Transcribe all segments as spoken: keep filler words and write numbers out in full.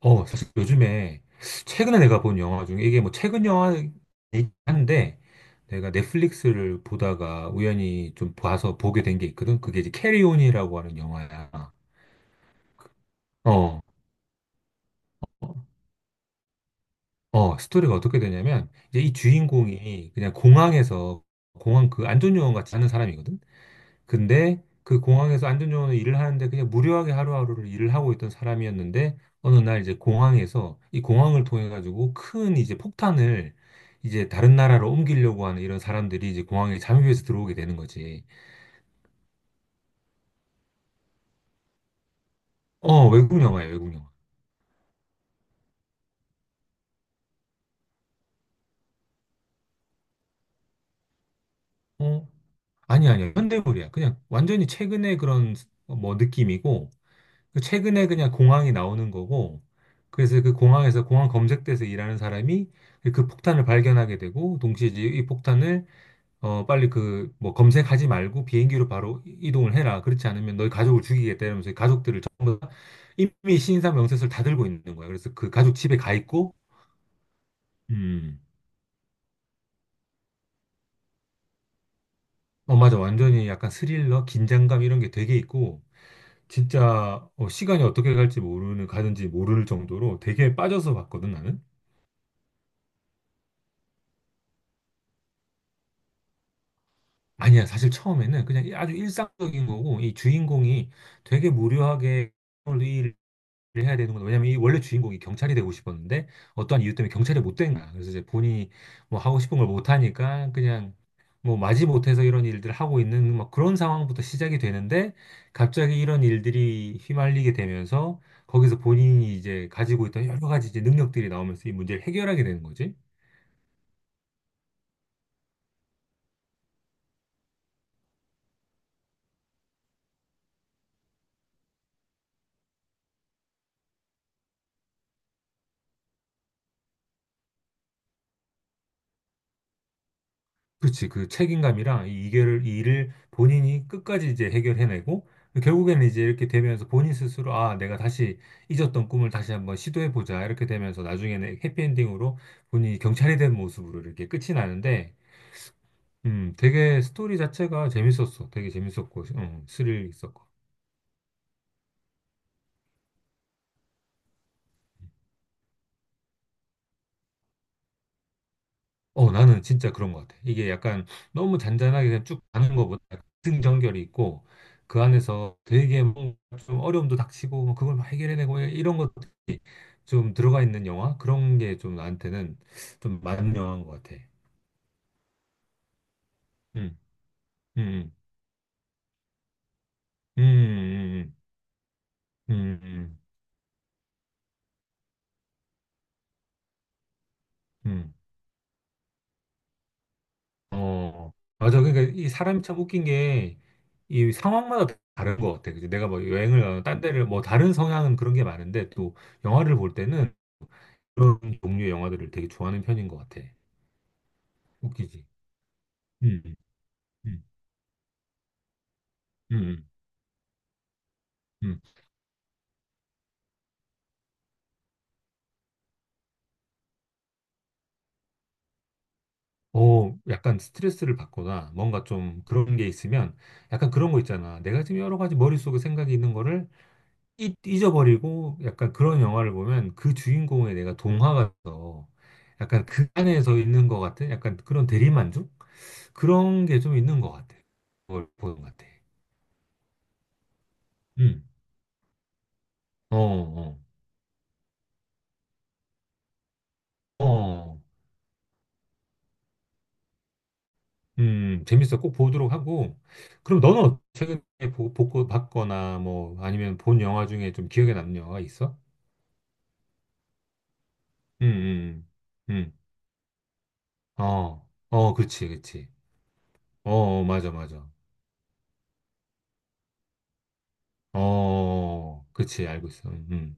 어, 사실 요즘에 최근에 내가 본 영화 중에 이게 뭐 최근 영화이긴 한데 내가 넷플릭스를 보다가 우연히 좀 봐서 보게 된 게 있거든. 그게 이제 캐리온이라고 하는 영화야. 어, 어, 스토리가 어떻게 되냐면 이제 이 주인공이 그냥 공항에서 공항 그 안전요원 같이 하는 사람이거든. 근데 그 공항에서 안전요원으로 일을 하는데 그냥 무료하게 하루하루를 일을 하고 있던 사람이었는데 어느 날 이제 공항에서 이 공항을 통해 가지고 큰 이제 폭탄을 이제 다른 나라로 옮기려고 하는 이런 사람들이 이제 공항에 잠입해서 들어오게 되는 거지. 어, 외국 영화야, 외국 영화. 어, 아니 야 아니야. 아니야. 현대물이야. 그냥 완전히 최근에 그런 뭐 느낌이고 그 최근에 그냥 공항이 나오는 거고 그래서 그 공항에서 공항 검색대에서 일하는 사람이 그 폭탄을 발견하게 되고 동시에 이제 이 폭탄을 어, 빨리 그, 뭐, 검색하지 말고 비행기로 바로 이- 이동을 해라. 그렇지 않으면 너희 가족을 죽이겠다. 이러면서 이 가족들을 전부 다 이미 신상 명세서를 다 들고 있는 거야. 그래서 그 가족 집에 가 있고, 음, 어, 맞아. 완전히 약간 스릴러, 긴장감 이런 게 되게 있고, 진짜, 어, 시간이 어떻게 갈지 모르는, 가는지 모를 정도로 되게 빠져서 봤거든, 나는. 아니야. 사실 처음에는 그냥 아주 일상적인 거고, 이 주인공이 되게 무료하게 해야 되는구나. 왜냐면 이 원래 주인공이 경찰이 되고 싶었는데 어떠한 이유 때문에 경찰이 못 된 거야. 그래서 이제 본인이 뭐 하고 싶은 걸 못 하니까 그냥 뭐 마지못해서 이런 일들을 하고 있는 막 그런 상황부터 시작이 되는데 갑자기 이런 일들이 휘말리게 되면서 거기서 본인이 이제 가지고 있던 여러 가지 이제 능력들이 나오면서 이 문제를 해결하게 되는 거지. 그치, 그 책임감이랑 이 일을, 이 일을 본인이 끝까지 이제 해결해내고, 결국에는 이제 이렇게 되면서 본인 스스로, 아, 내가 다시 잊었던 꿈을 다시 한번 시도해보자. 이렇게 되면서 나중에는 해피엔딩으로 본인이 경찰이 된 모습으로 이렇게 끝이 나는데, 음, 되게 스토리 자체가 재밌었어. 되게 재밌었고, 음, 스릴 있었고. 어, 나는 진짜 그런 것 같아. 이게 약간 너무 잔잔하게 그냥 쭉 가는 것보다 승전결이 있고, 그 안에서 되게 뭔가 좀 어려움도 닥치고, 뭐 그걸 막 해결해내고, 뭐 이런 것 좀 들어가 있는 영화? 그런 게 좀 나한테는 좀 맞는 영화인 것 같아. 음, 음, 음, 음, 음, 음, 음, 음. 어, 맞아. 그러니까 이 사람이 참 웃긴 게 이 상황마다 다른 것 같아. 그치? 내가 뭐 여행을 가거나 딴 데를 뭐 다른 성향은 그런 게 많은데 또 영화를 볼 때는 그런 종류의 영화들을 되게 좋아하는 편인 것 같아. 웃기지? 음, 음, 음, 음. 어, 약간 스트레스를 받거나 뭔가 좀 그런 게 있으면 약간 그런 거 있잖아. 내가 지금 여러 가지 머릿속에 생각이 있는 거를 잊- 잊어버리고 약간 그런 영화를 보면 그 주인공에 내가 동화가 돼서 약간 그 안에서 있는 것 같은 약간 그런 대리만족? 그런 게 좀 있는 것 같아. 그걸 보는 것 같아. 음, 어, 어, 어, 음, 재밌어. 꼭 보도록 하고. 그럼 너는 최근에 보, 보, 봤거나 뭐 아니면 본 영화 중에 좀 기억에 남는 영화가 있어? 응응응. 어, 어, 그치, 그치. 어, 어, 맞아, 맞아. 어, 어, 어. 그치, 알고 있어. 음, 음,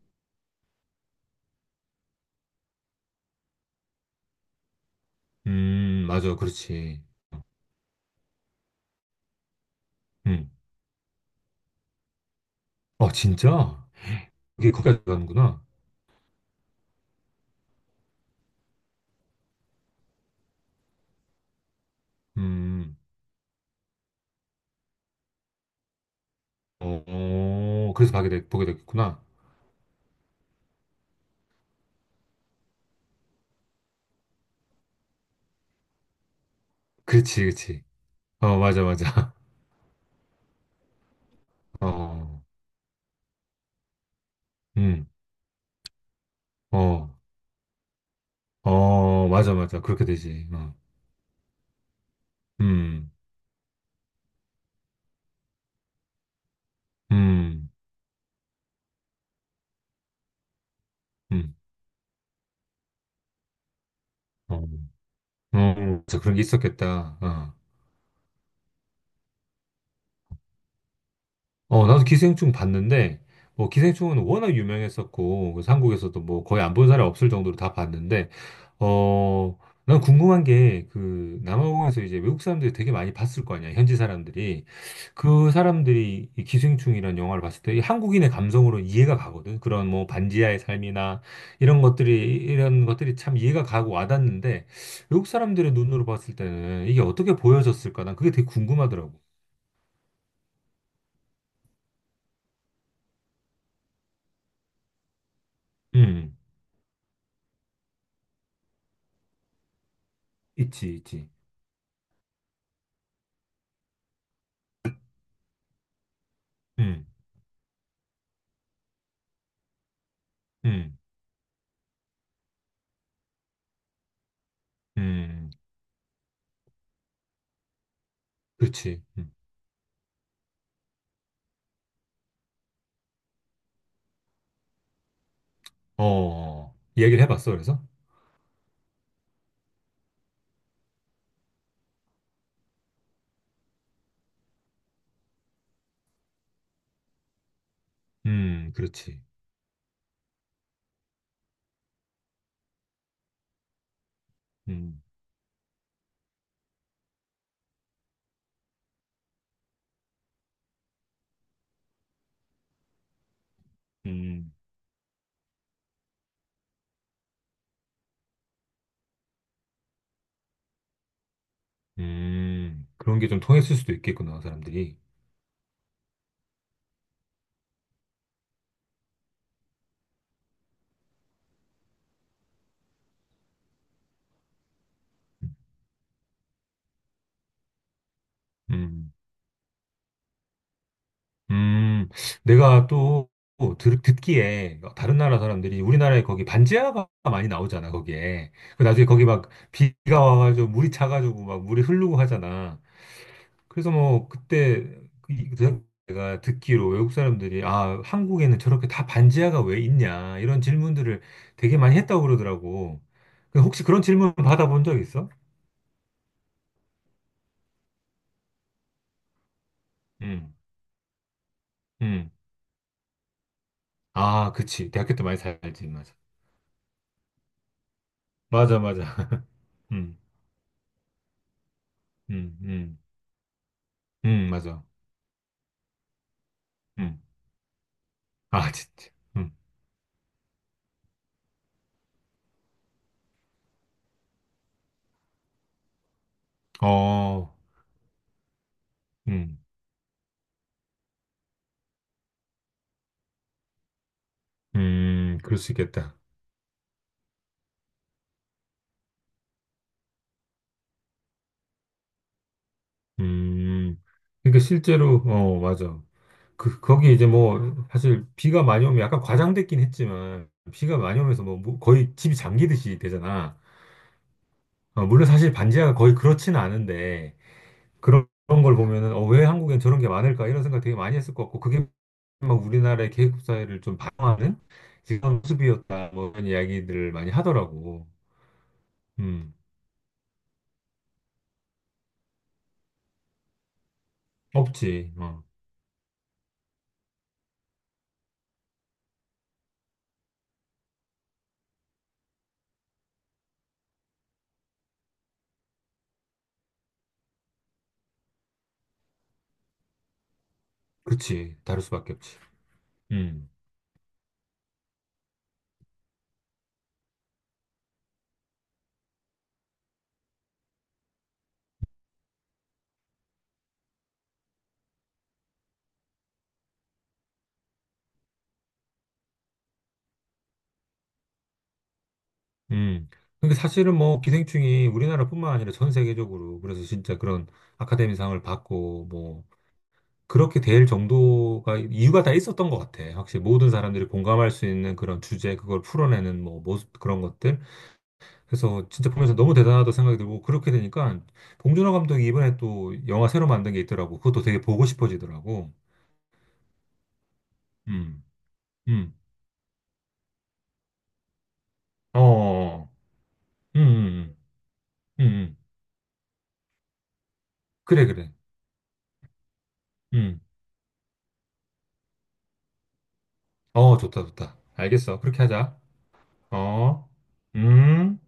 음, 맞아, 그렇지. 음. 어, 진짜? 이게 거기까지 가는구나. 음, 어, 어, 그래서 보게 됐, 보게 됐구나. 그렇지, 그렇지. 어, 맞아, 맞아. 어, 음, 어, 어, 맞아, 맞아. 그렇게 되지. 어, 음, 음, 음, 어, 어, 맞아 그런 게 있었겠다. 어. 어, 나도 기생충 봤는데, 뭐, 기생충은 워낙 유명했었고, 그래서 한국에서도 뭐, 거의 안 본 사람이 없을 정도로 다 봤는데, 어, 난 궁금한 게, 그, 남아공에서 이제 외국 사람들이 되게 많이 봤을 거 아니야, 현지 사람들이. 그 사람들이 이 기생충이라는 영화를 봤을 때이 한국인의 감성으로 이해가 가거든. 그런 뭐, 반지하의 삶이나 이런 것들이, 이런 것들이 참 이해가 가고 와닿는데, 외국 사람들의 눈으로 봤을 때는 이게 어떻게 보여졌을까? 난 그게 되게 궁금하더라고. 음, 있지, 있지. 음. 음, 음, 그렇지. 음. 어, 얘기를 해봤어, 그래서? 음, 그렇지. 음, 음, 음, 그런 게 좀 통했을 수도 있겠구나, 사람들이. 음, 음, 내가 또 들, 듣기에 다른 나라 사람들이 우리나라에 거기 반지하가 많이 나오잖아, 거기에. 그 나중에 거기 막 비가 와가지고 물이 차가지고 막 물이 흐르고 하잖아. 그래서 뭐 그때 그 그 제가 듣기로 외국 사람들이 아, 한국에는 저렇게 다 반지하가 왜 있냐 이런 질문들을 되게 많이 했다고 그러더라고. 그 혹시 그런 질문 받아본 적 있어? 응, 응. 아, 그치. 대학교 때 많이 살지, 맞아. 맞아, 맞아. 응, 응, 응, 응, 맞아. 응. 아, 진짜. 응. 어, 응, 음, 그럴 수 있겠다. 음, 그러니까 실제로, 어, 맞아. 그, 거기 이제 뭐, 사실 비가 많이 오면 약간 과장됐긴 했지만, 비가 많이 오면서 뭐, 뭐 거의 집이 잠기듯이 되잖아. 어, 물론 사실 반지하가 거의 그렇지는 않은데, 그런, 걸 보면은, 어, 왜 한국엔 저런 게 많을까? 이런 생각 되게 많이 했을 것 같고, 그게 막 우리나라의 계급 사회를 좀 반영하는 그런 모습이었다. 뭐, 이런 이야기들을 많이 하더라고. 음, 없지. 어, 그치. 다를 수밖에 없지. 음. 음. 근데 사실은 뭐 기생충이 우리나라뿐만 아니라 전 세계적으로 그래서 진짜 그런 아카데미상을 받고 뭐 그렇게 될 정도가 이유가 다 있었던 것 같아. 확실히 모든 사람들이 공감할 수 있는 그런 주제, 그걸 풀어내는 뭐 모습 그런 것들. 그래서 진짜 보면서 너무 대단하다 생각이 들고 그렇게 되니까 봉준호 감독이 이번에 또 영화 새로 만든 게 있더라고. 그것도 되게 보고 싶어지더라고. 음. 음. 어. 어. 어. 음. 음. 음. 음. 음. 그래 그래. 음. 어, 좋다 좋다. 알겠어. 그렇게 하자. 어, 음.